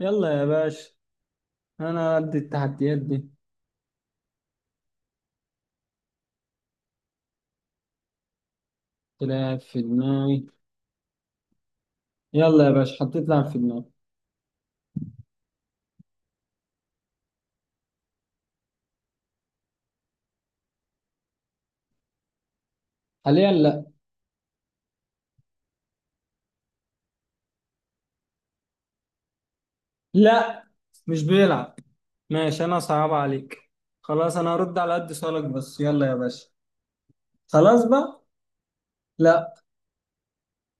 يلا يا باشا. انا قد التحديات دي. تلعب في دماغي. يلا يا باشا، حطيت لعب في دماغي. حاليا لا. لا، مش بيلعب. ماشي، انا صعب عليك. خلاص، انا هرد على قد سؤالك بس. يلا يا باشا. خلاص بقى. لا،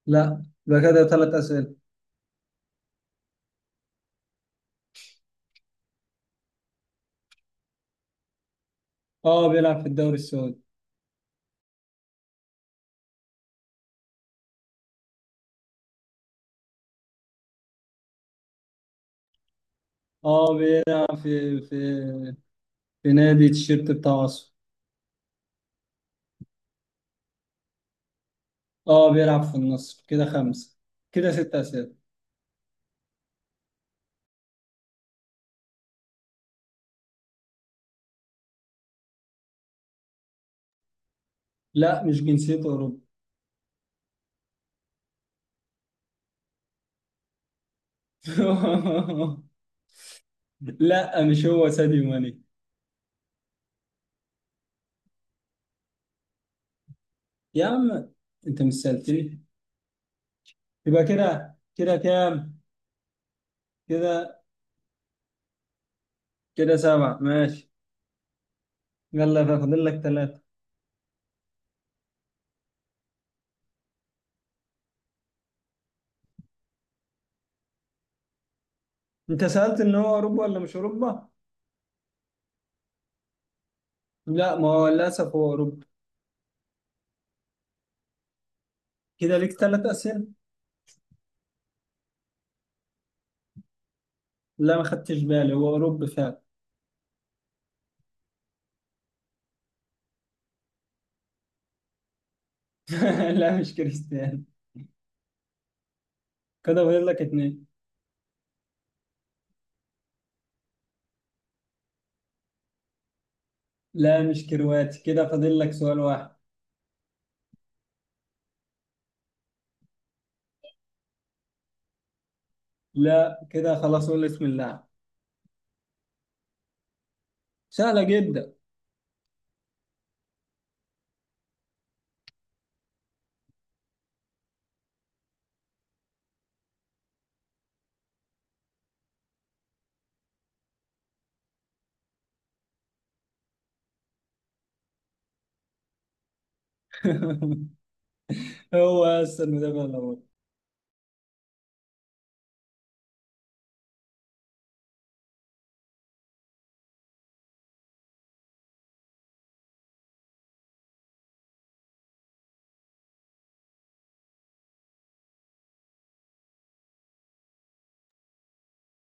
لا، يبقى كده 3 اسئله. اه، بيلعب في الدوري السعودي. اه، بيلعب في نادي التيشيرت بتاع اصفر. اه، بيلعب في النصر. كده 5. كده 6 اسئله. لا، مش جنسيته اوروبي. لا، مش هو ساديو ماني. يا عم، انت مش سألتني. يبقى كده كام؟ كده كده 7. ماشي. يلا، فاضل لك 3. انت سألت ان هو اوروبا ولا مش اوروبا؟ لا، ما هو للاسف هو اوروبا. كده ليك 3 اسئلة. لا، ما خدتش بالي هو اوروبا فعلا. لا، مش كريستيانو. كده فاضل لك 2. لا، مش كرواتي. كده فاضل لك سؤال واحد. لا، كده خلاص. قول اسم اللاعب. سهلة جدا. هو اصلا المدافع الاول.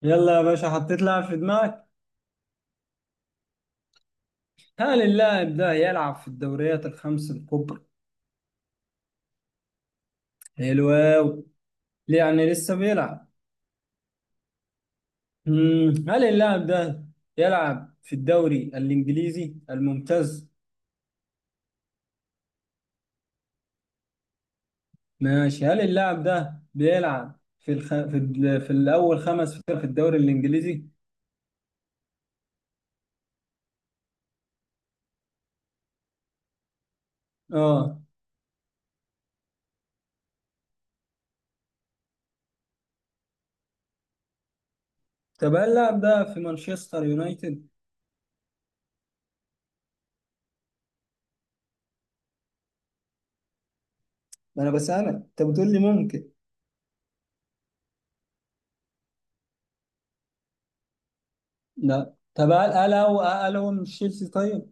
يلا يا باشا، حطيت لاعب في دماغك. هل اللاعب ده يلعب في الدوريات الخمس الكبرى؟ حلو أوي. يعني لسه بيلعب؟ مم. هل اللاعب ده يلعب في الدوري الإنجليزي الممتاز؟ ماشي، هل اللاعب ده بيلعب في الأول 5 فرق في الدوري الإنجليزي؟ اه. طب هل اللاعب ده في مانشستر يونايتد؟ ما انا بسألك، انت بتقول لي ممكن. لا، طب هل هو من تشيلسي طيب؟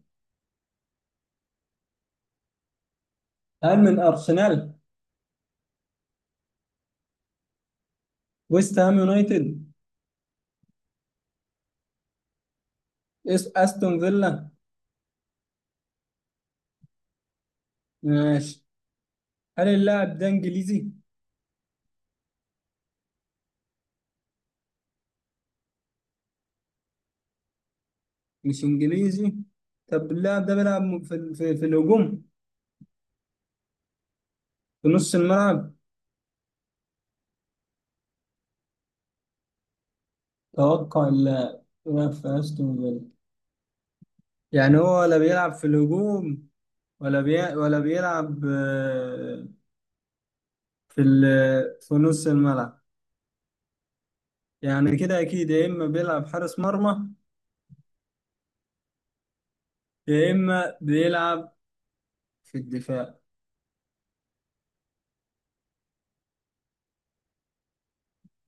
هل من أرسنال؟ ويست هام يونايتد؟ استون فيلا؟ ماشي. هل اللاعب ده انجليزي؟ مش انجليزي. طب اللاعب ده بيلعب في الهجوم؟ في نص الملعب؟ توقع اللاعب. بيلعب في استون فيلا. يعني هو ولا بيلعب في الهجوم، ولا ولا بيلعب في ال... في نص الملعب؟ يعني كده اكيد، يا اما بيلعب حارس مرمى، يا اما بيلعب في الدفاع.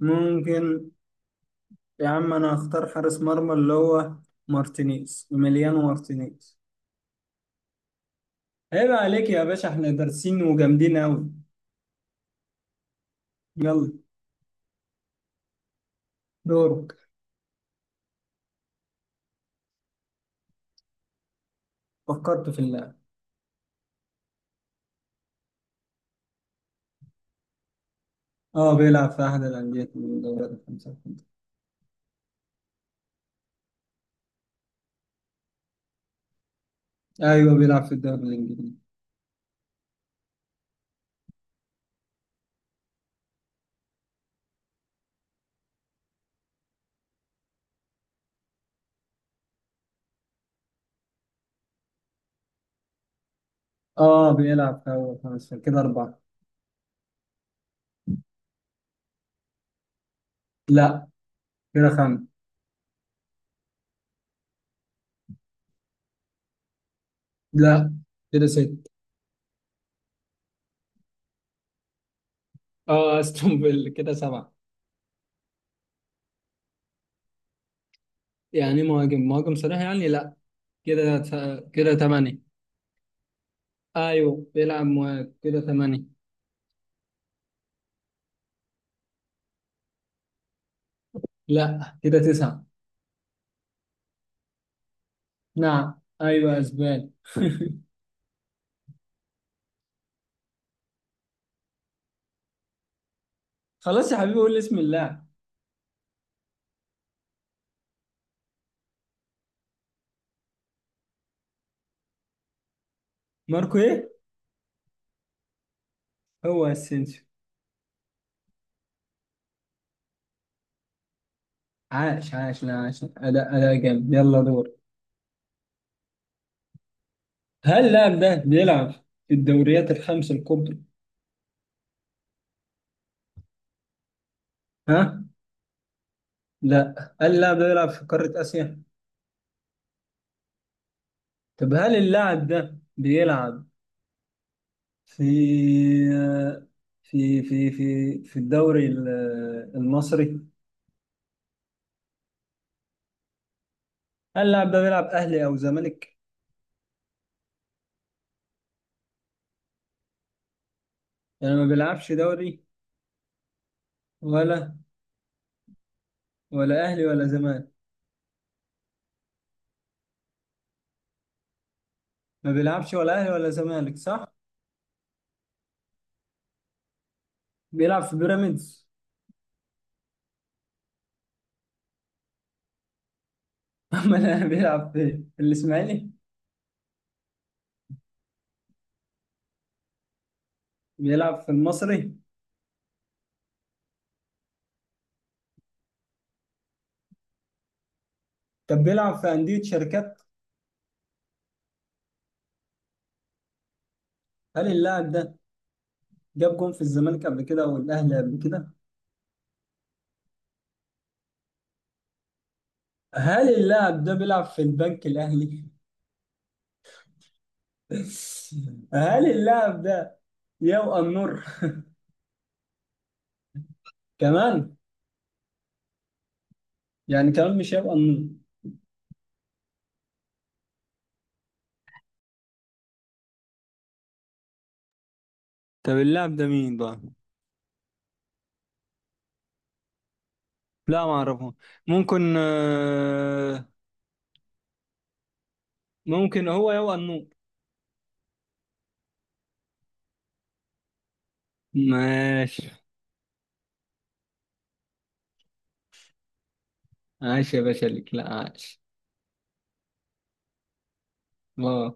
ممكن. يا عم انا هختار حارس مرمى اللي هو مليانو مارتينيز. عيب عليك يا باشا، احنا دارسين وجامدين قوي. يلا، دورك. فكرت في اللاعب. اه، بيلعب في احد الانديه من الدوريات الخمسه. ايوه، بيلعب في الدوري الانجليزي. اه، بيلعب في اول 5 فرق. كده 4. لا، كده 5. لا، كده 6. اه، استون فيلا. كده 7. يعني مهاجم مهاجم صريح يعني، لا. كده 8. ايوه، بيلعب مهاجم. كده 8. لا، كده 9. نعم، ايوه اسبان. خلاص يا حبيبي، قول لي اسم اللاعب. ماركو ايه؟ هو اسينسيو. عاش عاش، لا عاش. اداء اداء جامد. يلا دور. هل اللاعب ده بيلعب في الدوريات الخمس الكبرى؟ ها؟ لا. هل اللاعب ده بيلعب في قارة اسيا؟ طب هل اللاعب ده بيلعب في في الدوري المصري؟ هل اللاعب ده بيلعب اهلي او زمالك؟ يعني ما بيلعبش دوري، ولا ولا اهلي ولا زمالك. ما بيلعبش ولا اهلي ولا زمالك، صح؟ بيلعب في بيراميدز؟ امال أنا، بيلعب في الاسماعيلي؟ بيلعب في المصري؟ طب بيلعب في انديه شركات؟ هل اللاعب ده جاب جون في الزمالك قبل كده او الاهلي قبل كده؟ هل اللاعب ده بيلعب في البنك الاهلي؟ هل اللاعب ده يبقى النور؟ كمان؟ يعني كمان مش يبقى النور. طب اللاعب ده مين بقى؟ لا، ما اعرفه. ممكن، ممكن هو يبقى النور. ماشي. عاش يا باشا، ليك لا عاش. ما